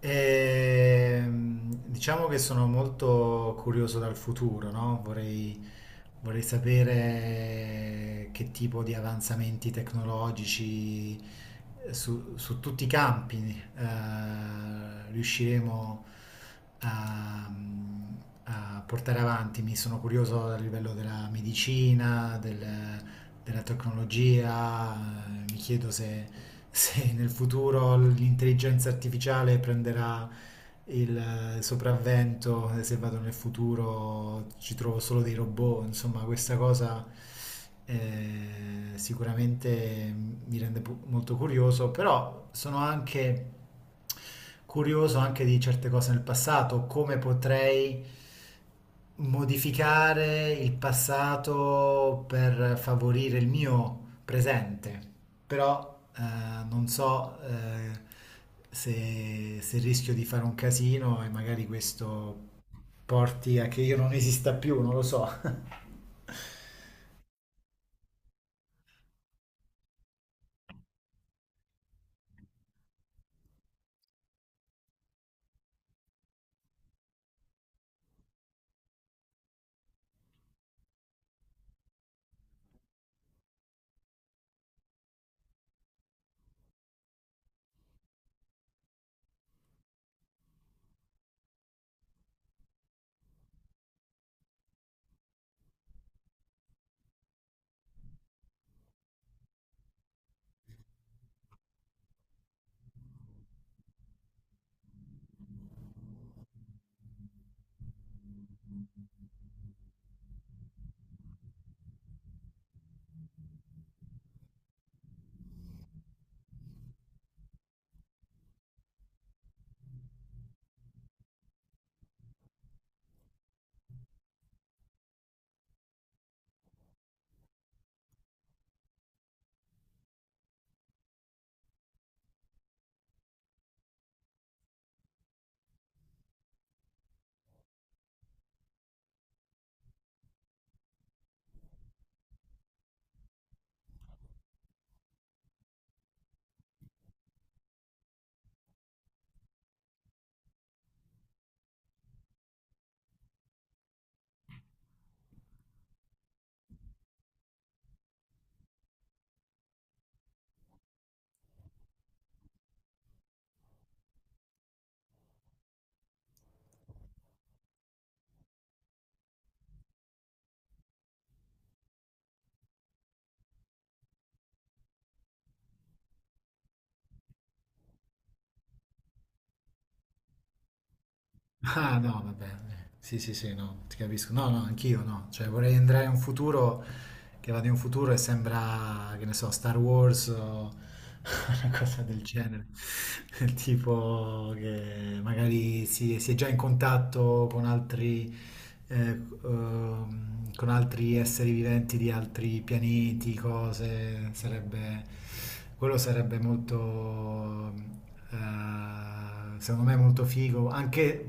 Diciamo che sono molto curioso dal futuro, no? Vorrei sapere che tipo di avanzamenti tecnologici su tutti i campi riusciremo a, a portare avanti. Mi sono curioso a livello della medicina, della tecnologia, mi chiedo se nel futuro l'intelligenza artificiale prenderà il sopravvento, se vado nel futuro ci trovo solo dei robot, insomma questa cosa sicuramente mi rende molto curioso, però sono anche curioso anche di certe cose nel passato, come potrei modificare il passato per favorire il mio presente, però non so se rischio di fare un casino e magari questo porti a che io non esista più, non lo so. Ah no, vabbè, sì, sì, sì, no, ti capisco. No, no, anch'io no. Cioè vorrei andare in un futuro che va di un futuro e sembra, che ne so, Star Wars o una cosa del genere. Del tipo che magari si è già in contatto eh, con altri esseri viventi di altri pianeti, cose, sarebbe, quello sarebbe molto, secondo me molto figo, anche,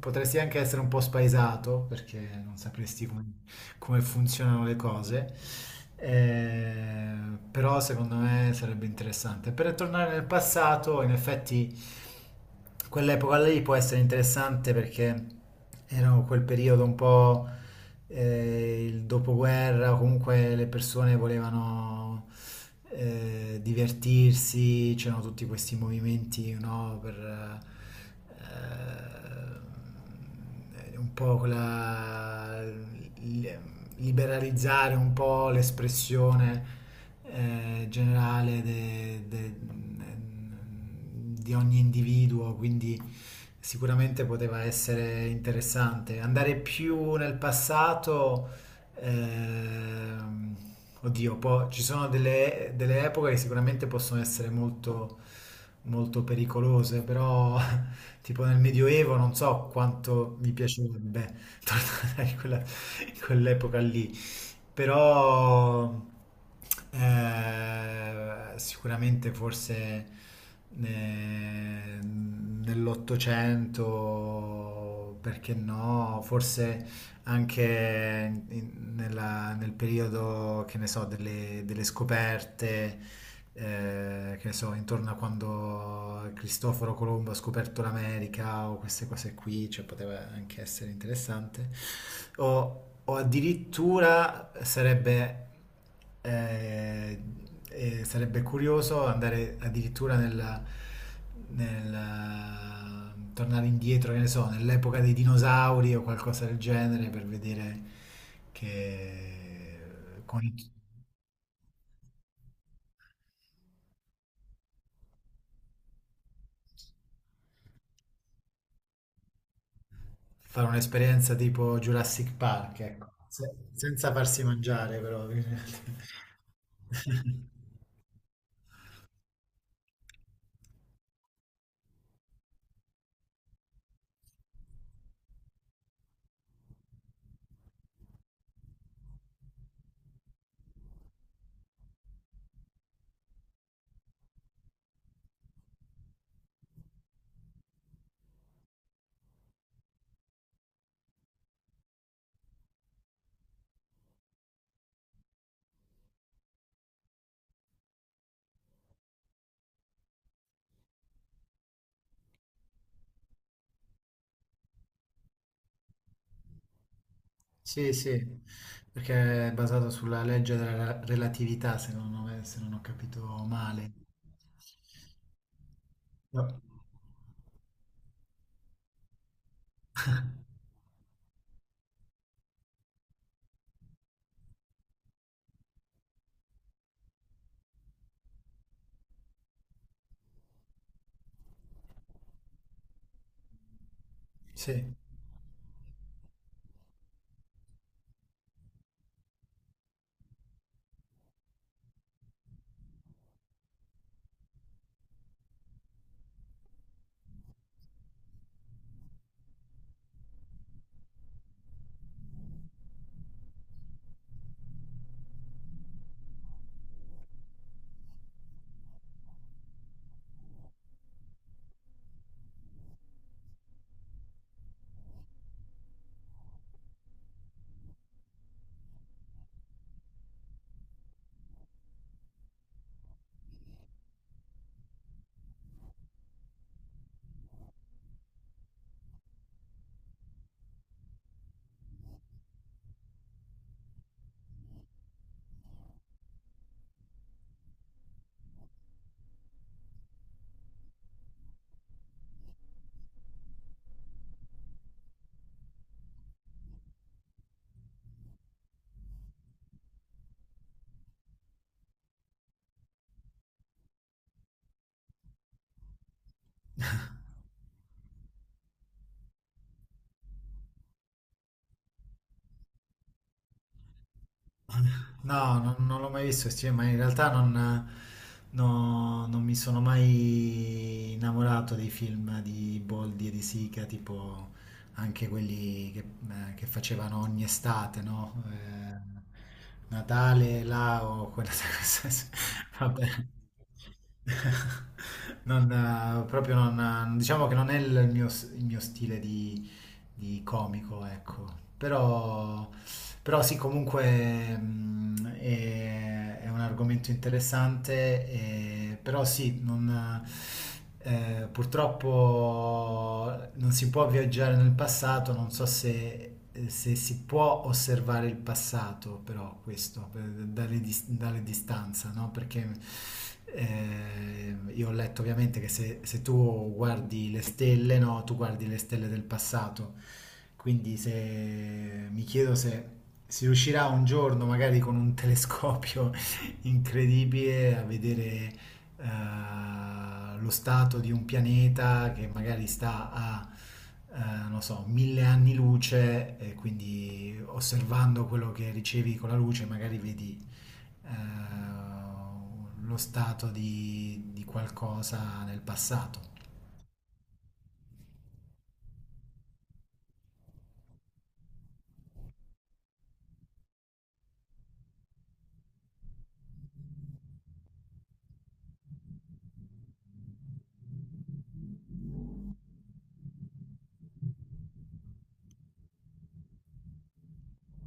potresti anche essere un po' spaesato perché non sapresti come funzionano le cose. Eh, Però secondo me sarebbe interessante. Per tornare nel passato, in effetti quell'epoca lì può essere interessante perché era quel periodo un po' il dopoguerra, o comunque le persone volevano divertirsi, c'erano tutti questi movimenti, no, per eh, un po' quella, il- liberalizzare un po' l'espressione generale di ogni individuo, quindi sicuramente poteva essere interessante. Andare più nel passato, ehm, oddio, ci sono delle, epoche che sicuramente possono essere molto, molto pericolose, però tipo nel Medioevo non so quanto mi piacerebbe tornare in quell'epoca lì, però sicuramente forse nell'Ottocento, perché no, forse anche nel periodo, che ne so, delle, scoperte, che ne so, intorno a quando Cristoforo Colombo ha scoperto l'America o queste cose qui, cioè poteva anche essere interessante, o addirittura eh, sarebbe curioso andare addirittura nel tornare indietro, che ne so, nell'epoca dei dinosauri o qualcosa del genere per vedere che con i- fare un'esperienza tipo Jurassic Park, ecco, senza farsi mangiare però. Sì, sì, perché è basato sulla legge della relatività, se non ho capito male. No. Sì. No, non l'ho mai visto, sì, ma in realtà non, no, non mi sono mai innamorato dei film di Boldi e di Sica, tipo anche quelli che facevano ogni estate, no? Natale, là o quella cosa. Vabbè. Non, proprio non, diciamo che non è il mio, stile di comico, ecco. però sì, comunque è un argomento interessante, però sì, non, purtroppo non si può viaggiare nel passato, non so se si può osservare il passato, però questo, dalle distanza, no? Perché io ho letto ovviamente che se tu guardi le stelle, no? Tu guardi le stelle del passato quindi se mi chiedo se si riuscirà un giorno, magari con un telescopio incredibile, a vedere lo stato di un pianeta che magari sta a, non so, 1.000 anni luce, e quindi osservando quello che ricevi con la luce, magari vedi eh, lo stato di, qualcosa nel passato.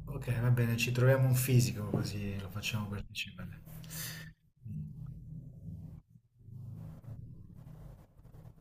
Ok, va bene, ci troviamo un fisico così lo facciamo partecipare.